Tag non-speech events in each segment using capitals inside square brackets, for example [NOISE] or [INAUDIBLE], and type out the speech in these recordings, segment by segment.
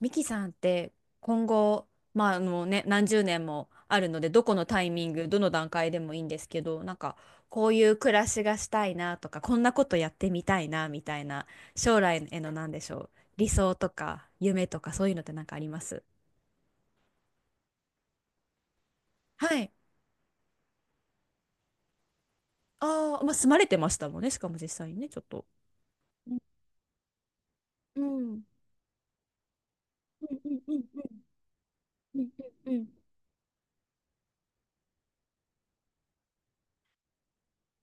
ミキさんって今後、まあね、何十年もあるので、どこのタイミング、どの段階でもいいんですけど、こういう暮らしがしたいなとか、こんなことやってみたいなみたいな、将来への何でしょう、理想とか夢とかそういうのってなんかあります？はい。ああ、まあ住まれてましたもんね、しかも実際にね、ちょっと。うん。うん。うんうん。うんうん。うんうん。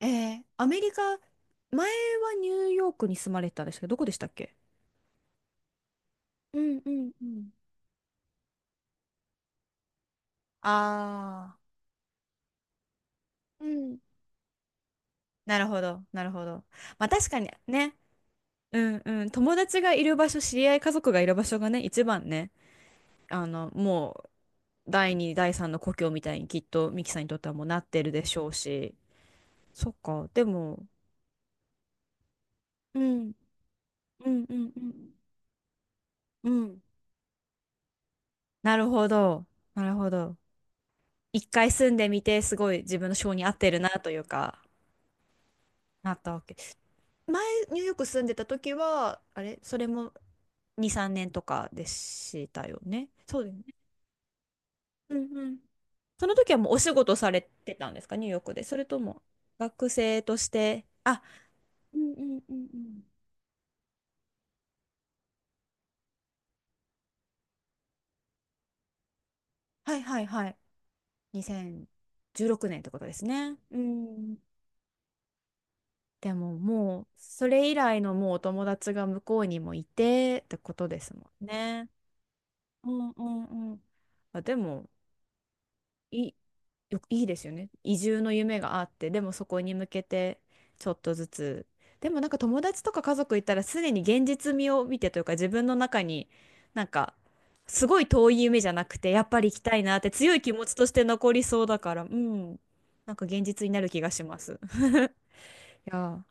アメリカ、前はニューヨークに住まれてたんですけど、どこでしたっけ？うんうんうん。ああ、うん。なるほど、なるほど。まあ確かにね、うんうん、友達がいる場所、知り合い、家族がいる場所がね、一番ね、あの、もう、第二、第三の故郷みたいにきっとミキさんにとってはもうなってるでしょうし、そっか、でも、うん、うんうんうん、うん、なるほど、なるほど。一回住んでみて、すごい自分の性に合ってるなというか、なったわけ。前、ニューヨーク住んでた時は、あれ、それも2、3年とかでしたよね。そうですね。うんうん。その時はもうお仕事されてたんですか、ニューヨークで。それとも学生として、あ、うんうんうんうん。はいはいはい。2016年ってことですね。うん。でももう、それ以来のもうお友達が向こうにもいてってことですもんね。うんうんうん。あ、でも、いい、いいですよね。移住の夢があって、でもそこに向けてちょっとずつ。でもなんか友達とか家族いたらすでに現実味を見てというか自分の中になんかすごい遠い夢じゃなくてやっぱり行きたいなって強い気持ちとして残りそうだから、うん。なんか現実になる気がします。[LAUGHS] いや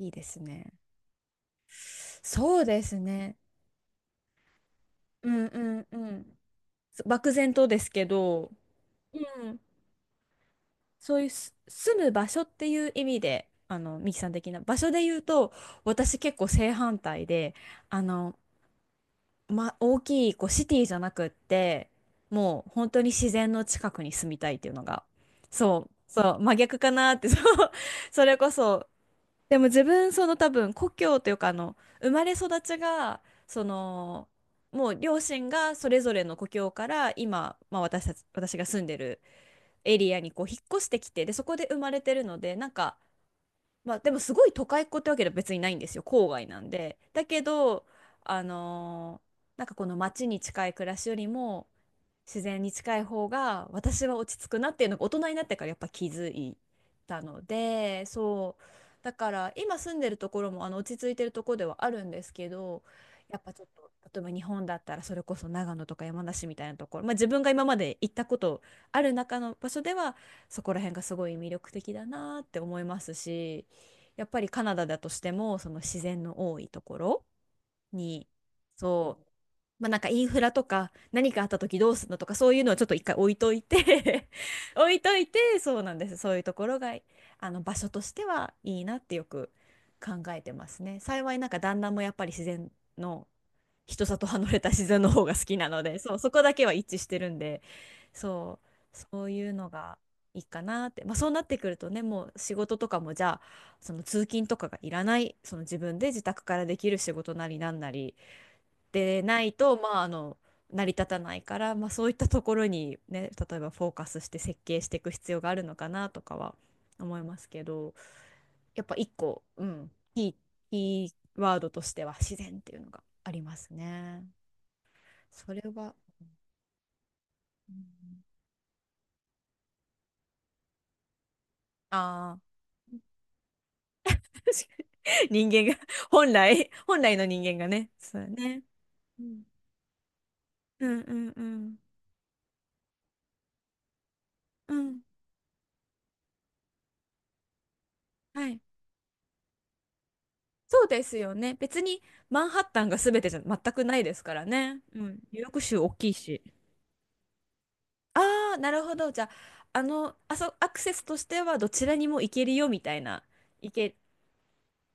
ー、いいですね。そうですね。うんうんうん。漠然とですけど、うん。そういう住む場所っていう意味で、あの、ミキさん的な場所で言うと、私結構正反対で、あの、ま、大きいこうシティじゃなくって、もう本当に自然の近くに住みたいっていうのが、そう、そう、真逆かなって、そう、それこそ、でも自分、その多分、故郷というか、あの、生まれ育ちが、その、もう両親がそれぞれの故郷から今、まあ、私たち、私が住んでるエリアにこう引っ越してきて、でそこで生まれてるので、なんか、まあ、でもすごい都会っ子ってわけでは別にないんですよ、郊外なんで。だけどあのーなんかこの街に近い暮らしよりも自然に近い方が私は落ち着くなっていうのが大人になってからやっぱ気づいたので、そう。だから今住んでるところもあの落ち着いてるところではあるんですけど、やっぱちょっと例えば日本だったらそれこそ長野とか山梨みたいなところ、まあ、自分が今まで行ったことある中の場所ではそこら辺がすごい魅力的だなって思いますし、やっぱりカナダだとしてもその自然の多いところに、そう、まあなんかインフラとか何かあった時どうするのとかそういうのをちょっと一回置いといて、 [LAUGHS] 置いといて、そうなんです。そういうところが、あの場所としてはいいなってよく考えてますね。幸いなんか旦那もやっぱり自然の人里離れた自然の方が好きなので、[LAUGHS] そう、そこだけは一致してるんで、そう、そういうのがいいかなって。まあそうなってくるとね、もう仕事とかもじゃあ、その通勤とかがいらない、その自分で自宅からできる仕事なりなんなりでないと、まああの、成り立たないから、まあそういったところにね、例えばフォーカスして設計していく必要があるのかなとかは思いますけど、やっぱ一個、うん、キー、キーワードとしては自然っていうのがありますね。それは、うん。ああ、 [LAUGHS] 確かに。[LAUGHS] 人間が、本来の人間がね。そうだね。うんうんうんうん。うん。はい。そうですよね。別にマンハッタンが全てじゃ全くないですからね。うん。ニューヨーク州大きいし。ああ、なるほど。じゃあ、あの、あそ、アクセスとしてはどちらにも行けるよみたいな、行け、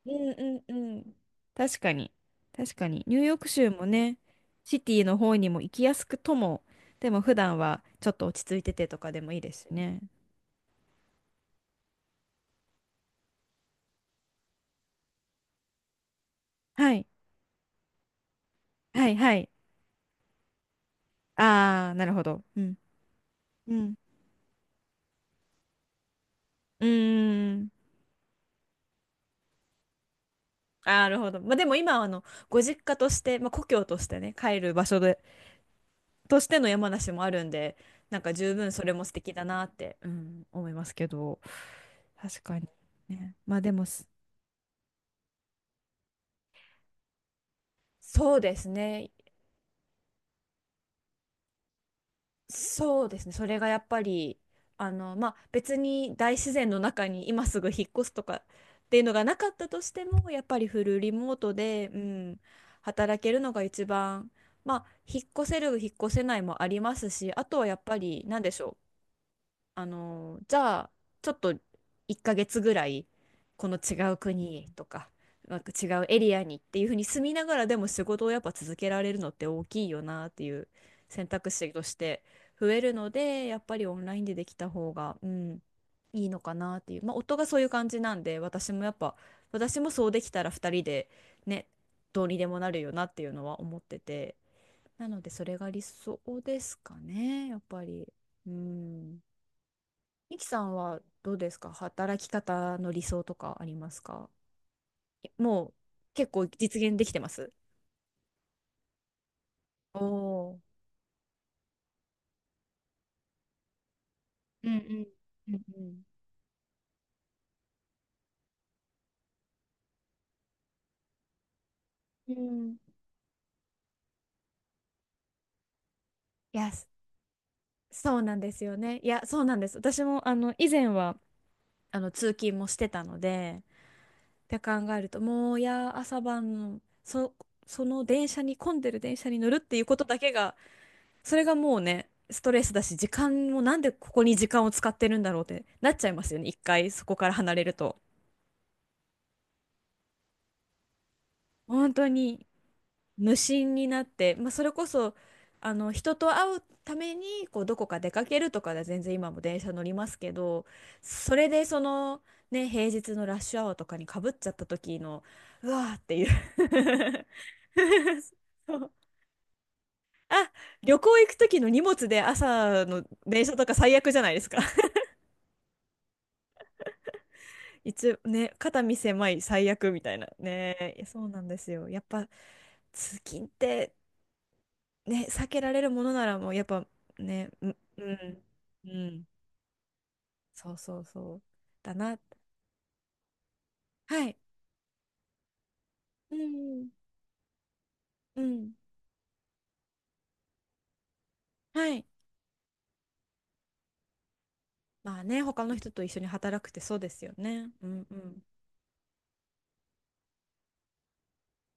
うんうんうん。確かに。確かに。ニューヨーク州もね、シティの方にも行きやすくとも、でも普段はちょっと落ち着いててとかでもいいですしね。はい。はいはい。ああ、なるほど。うん。うん。うーん。あー、なるほど。まあでも今はあの、ご実家として、まあ故郷としてね、帰る場所で、としての山梨もあるんで、なんか十分それも素敵だなって、うん、思いますけど。確かに。ね。まあでもす、そうですね。そうですね。それがやっぱり、あの、まあ、別に大自然の中に今すぐ引っ越すとかっていうのがなかったとしても、やっぱりフルリモートで、うん、働けるのが一番、まあ、引っ越せる、引っ越せないもありますし、あとはやっぱり、なんでしょう。じゃあちょっと1ヶ月ぐらいこの違う国とか、なんか違うエリアにっていうふうに住みながらでも仕事をやっぱ続けられるのって大きいよなっていう選択肢として増えるので、やっぱりオンラインでできた方が、うん、いいのかなっていう、まあ、夫がそういう感じなんで、私もやっぱ私もそうできたら2人でね、どうにでもなるよなっていうのは思ってて、なのでそれが理想ですかね、やっぱり。うん。ミキさんはどうですか？働き方の理想とかありますか？もう結構実現できてます？おー。うんうんうんうん、うん。いや、そそうなんですよね。いや、そうなんです。私もあの以前はあの通勤もしてたので、って考えると、もういや、朝晩のその電車に、混んでる電車に乗るっていうことだけが、それがもうね、ストレスだし、時間もなんでここに時間を使ってるんだろうってなっちゃいますよね。一回そこから離れると。本当に無心になって、まあ、それこそあの人と会うためにこうどこか出かけるとかで全然今も電車乗りますけど、それでその、ね、平日のラッシュアワーとかにかぶっちゃった時のうわーっていう。 [LAUGHS] そう。あ、旅行行く時の荷物で朝の電車とか最悪じゃないですか。 [LAUGHS] 一応ね、肩身狭い、最悪みたいなね。いやそうなんですよ、やっぱ通勤ってね、避けられるものならもうやっぱね、うん、うん、うん、そうそうそう、だな。はい。うん、うん、はい。まあね、他の人と一緒に働くってそうですよね。うんうん。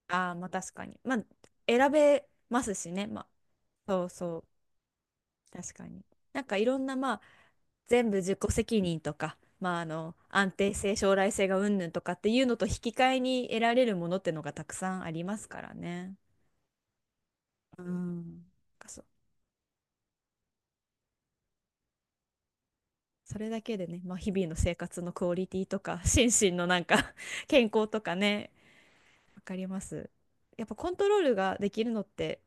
ああ、まあ確かに。まあ、選べますしね。まあ、そうそう、確かに。なんかいろんな、まあ、全部自己責任とか、まあ、あの、安定性、将来性が云々とかっていうのと引き換えに得られるものってのがたくさんありますからね。うん。かそそれだけでね、まあ、日々の生活のクオリティとか、[LAUGHS] 心身のなんか、 [LAUGHS] 健康とかね、わかります。やっぱコントロールができるのって、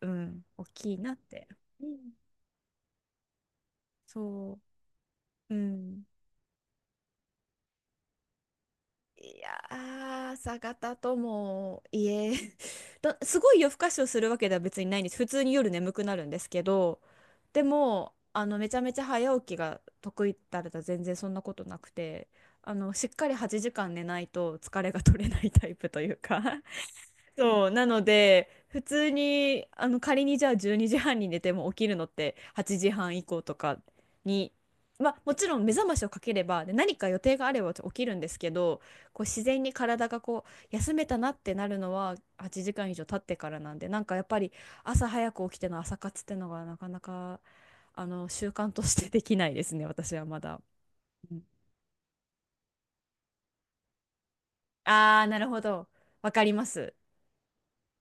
うん、大きいなって。うん。そう、うん。いやー、朝方ともいえ、 [LAUGHS] すごい夜更かしをするわけでは別にないんです。普通に夜眠くなるんですけど、でも、あの、めちゃめちゃ早起きが得意だったら全然そんなことなくて、あの、しっかり8時間寝ないと疲れが取れないタイプというか、そう。なので、普通に、あの、仮にじゃあ12時半にじはんに寝ても起きるのって8時半以降とかに、まあ、もちろん目覚ましをかければ、で、何か予定があれば起きるんですけど、こう自然に体がこう、休めたなってなるのは8時間以上経ってからなんで、なんかやっぱり朝早く起きての朝活ってのがなかなか、あの、習慣としてできないですね、私はまだ。うん。あー、なるほど。わかります。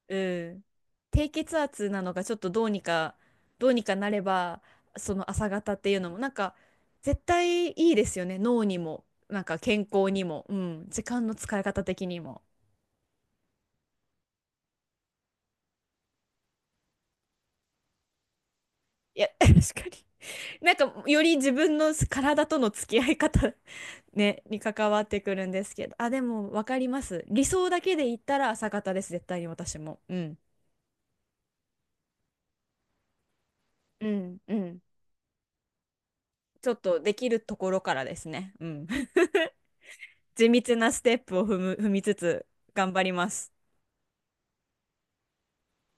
うん。低血圧なのがちょっとどうにかどうにかなれば、その朝方っていうのもなんか絶対いいですよね、脳にもなんか健康にも、うん、時間の使い方的にも。いや、 [LAUGHS] 確かに、なんかより自分の体との付き合い方、[LAUGHS] ね、に関わってくるんですけど、あでも分かります、理想だけで言ったら朝方です、絶対に私も、うん、うんうん。ちょっとできるところからですね、うん。地道なステップを踏みつつ、頑張ります。